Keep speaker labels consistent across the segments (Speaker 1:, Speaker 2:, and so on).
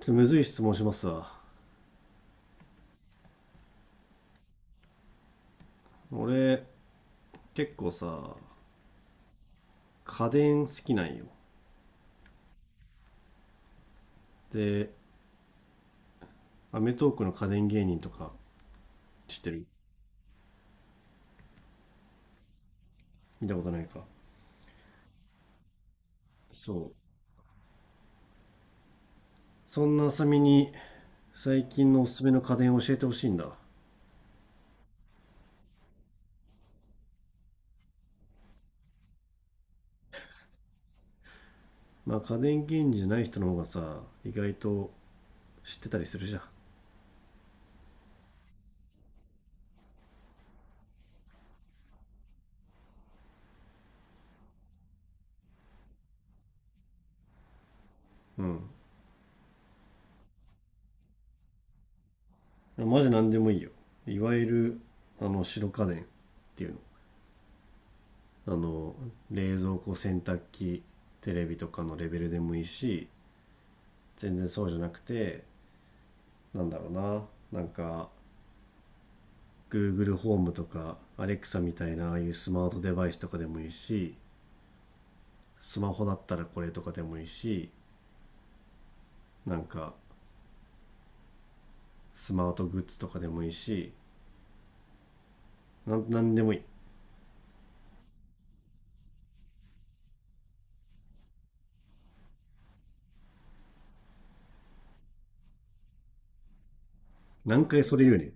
Speaker 1: ちょっとむずい質問しますわ。俺、結構さ、家電好きなんよ。で、アメトーークの家電芸人とか知ってる？見たことないか。そう、そんなあさみに最近のおすすめの家電を教えてほしいんだ。まあ家電芸人じゃない人の方がさ、意外と知ってたりするじゃん。うん。マジ何でもいいよ。いわゆる白家電っていうの。あの冷蔵庫、洗濯機、テレビとかのレベルでもいいし、全然そうじゃなくて、なんだろうななんか Google ホームとか Alexa みたいなああいうスマートデバイスとかでもいいし、スマホだったらこれとかでもいいし、なんかスマートグッズとかでもいいし、なんでもいい。何回それ言うねん。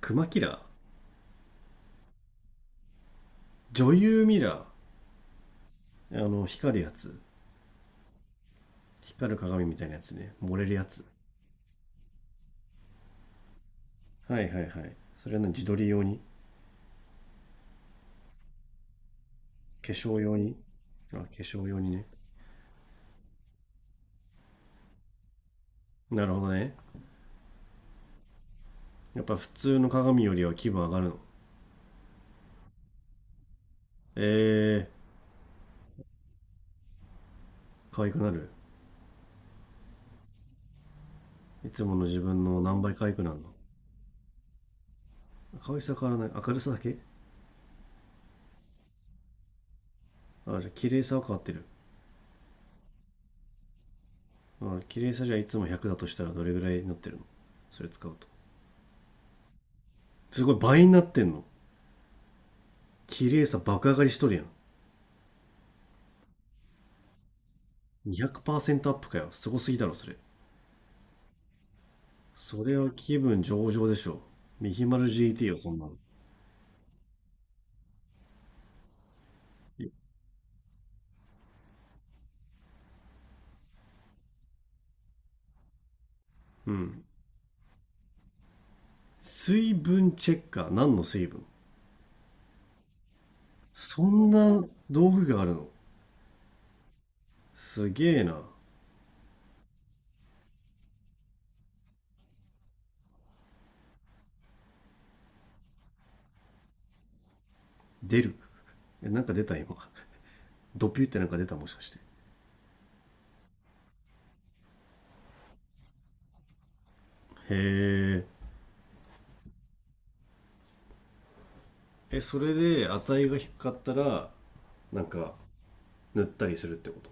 Speaker 1: クマキラー。女優ミラー、あの光るやつ。光る鏡みたいなやつね、漏れるやつ。はいはいはい、それは何、自撮り用に？化粧用に？あ、化粧用にね。なるほどね。やっぱ普通の鏡よりは気分上がるの？え、可愛くなる？いつもの自分の何倍可愛くなるの？可愛さ変わらない。明るさだけ。あ、じゃあ綺麗さは変わってる。あ、綺麗さじゃあいつも100だとしたらどれぐらいになってるの、それ使うと。すごい、倍になってんの。綺麗さ爆上がりしとるやん。200%アップかよ。すごすぎだろ、それ。それは気分上々でしょ。ミヒマル GT よ、そんなの。うん。水分チェッカー。何の水分、そんな道具があるの？すげえな。出る。え、なんか出た、今。ドピュってなんか出た、もしかして。へえ。え、それで値が低かったら、なんか塗ったりするってこと？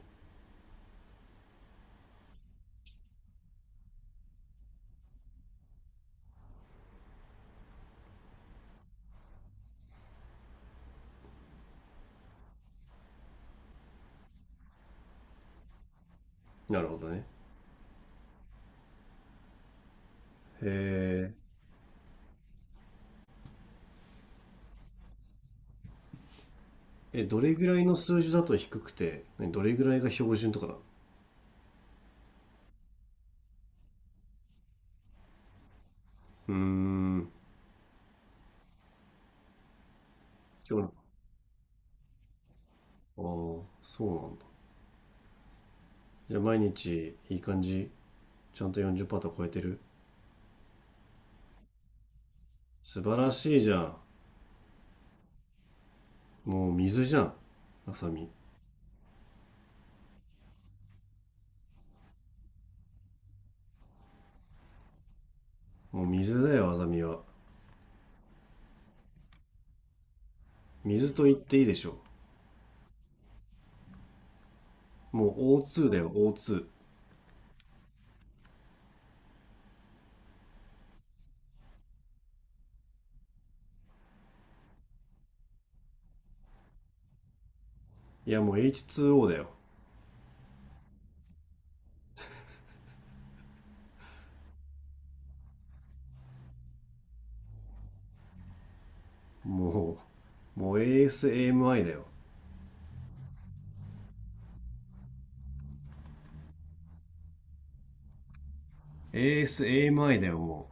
Speaker 1: なるほどね。へえ。え、どれぐらいの数字だと低くて、何どれぐらいが標準とかな。うーん。そうなの？ああそうなんだ。じゃあ毎日いい感じ、ちゃんと40%ト超えてる。素晴らしいじゃん。もう水じゃん、あさみ。もう水だよ、あさみは。水と言っていいでしょ。もう O2 だよ、 O2。 いやもう H2O だよ。ももう ASAMI だよ。ASAMI だよ、も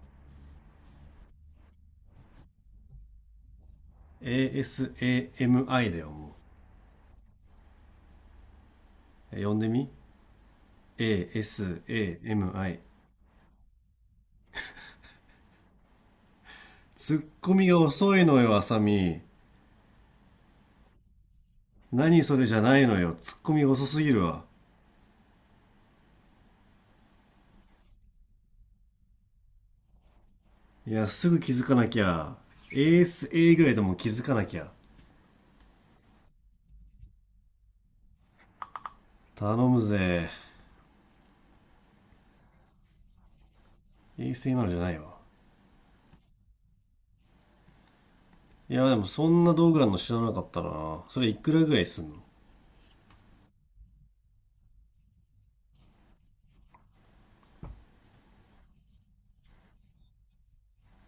Speaker 1: う。ASAMI だよ、もう。呼んでみ、 ASAMI。ツッコミが遅いのよ、あさみ。何それじゃないのよ。ツッコミが遅すぎるわ。いや、すぐ気づかなきゃ。ASA ぐらいでも気づかなきゃ。頼むぜ。ASMI じゃないわ。いや、でもそんな道具あるの知らなかったな。それいくらぐらいすんの？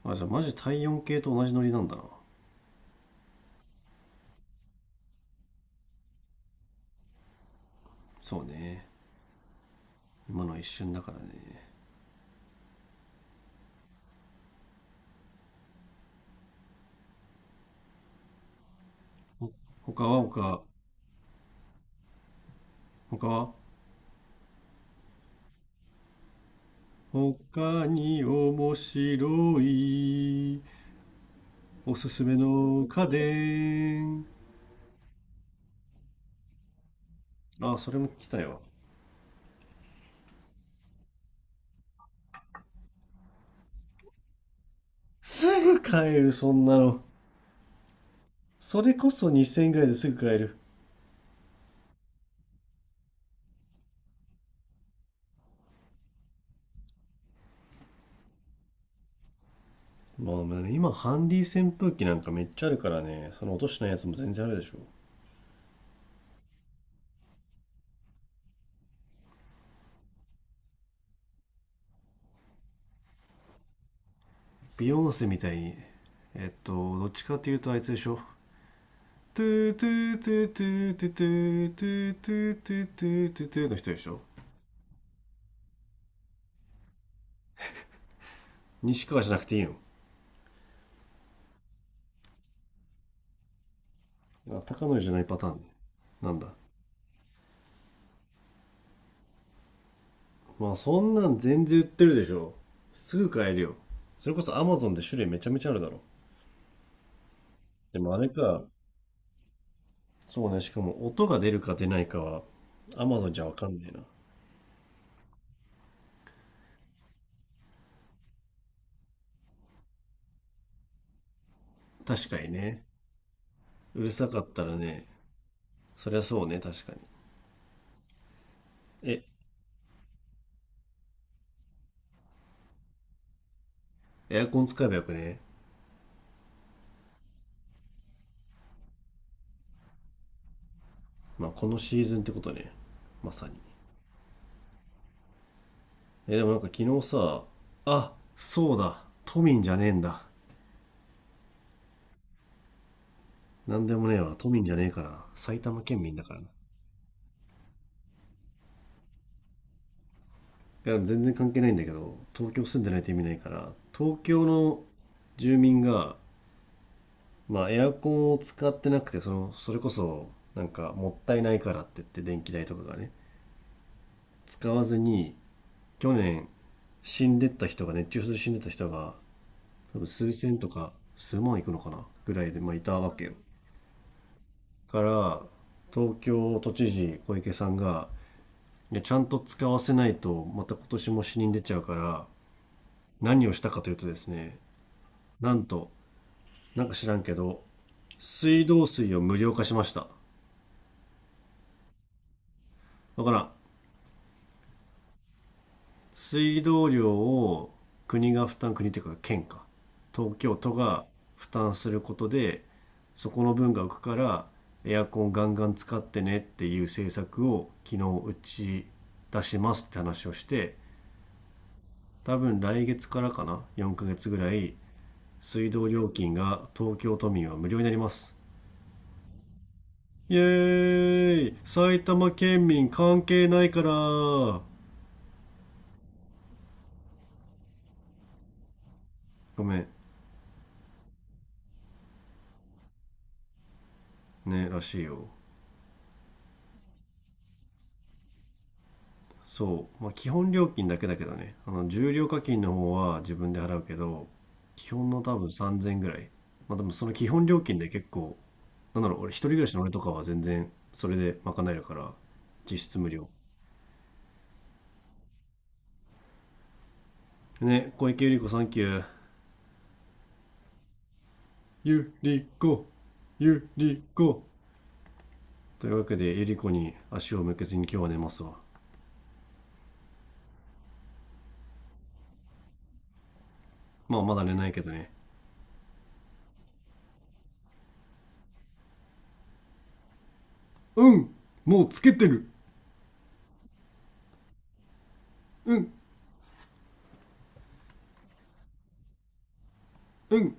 Speaker 1: あ、じゃあマジ体温計と同じノリなんだな。そうね。今のは一瞬だからね。お、他は他、他は他に面白いおすすめの家電。あ、それも来たよ。すぐ買える、そんなの。それこそ2000円ぐらいですぐ買える。まあね、今、ハンディ扇風機なんかめっちゃあるからね、その落としないやつも全然あるでしょ。ビヨンセみたいに、どっちかっていうとあいつでしょ。トゥートゥートゥートゥートゥートゥートゥートゥートゥートゥートゥーの人でしょ。西川じゃなくていいの？高野じゃないパターン？なんだ。まあそんなん全然売ってるでしょ、すぐ買えるよ。それこそアマゾンで種類めちゃめちゃあるだろ。でもあれか。そうね、しかも音が出るか出ないかはアマゾンじゃわかんないな。確かにね。うるさかったらね、そりゃそうね、確かに。え、エアコン使えばよくね？まあこのシーズンってことね、まさに。え、でもなんか昨日さ、あそうだ都民じゃねえんだ。なんでもねえわ。都民じゃねえから。埼玉県民だからな。いや、全然関係ないんだけど、東京住んでないと意味ないから、東京の住民が、まあ、エアコンを使ってなくて、その、それこそ、なんか、もったいないからって言って、電気代とかがね、使わずに、去年、死んでった人が、熱中症で死んでった人が、多分数千とか、数万いくのかなぐらいで、まあ、いたわけよ。から、東京都知事小池さんが、いやちゃんと使わせないと、また今年も死人出ちゃうから、何をしたかというとですね、なんと、なんか知らんけど、水道水を無料化しました。だからん、水道料を国が負担、国というか県か、東京都が負担することで、そこの分が浮くから、エアコンガンガン使ってねっていう政策を昨日打ち出しますって話をして、多分来月からかな、4ヶ月ぐらい水道料金が東京都民は無料になります。イエーイ、埼玉県民関係ないから。ごめんね、らしいよ。そうまあ基本料金だけだけどね、あの重量課金の方は自分で払うけど、基本の多分3000ぐらい。まあでもその基本料金で結構、なんだろう、俺一人暮らしの俺とかは全然それで賄えるから、実質無料。ね、小池百合子サンキュー。ゆりこ、ゆりこ。というわけでエリコに足を向けずに今日は寝ますわ。まあまだ寝ないけどね。うん、もうつけてる。うんうん。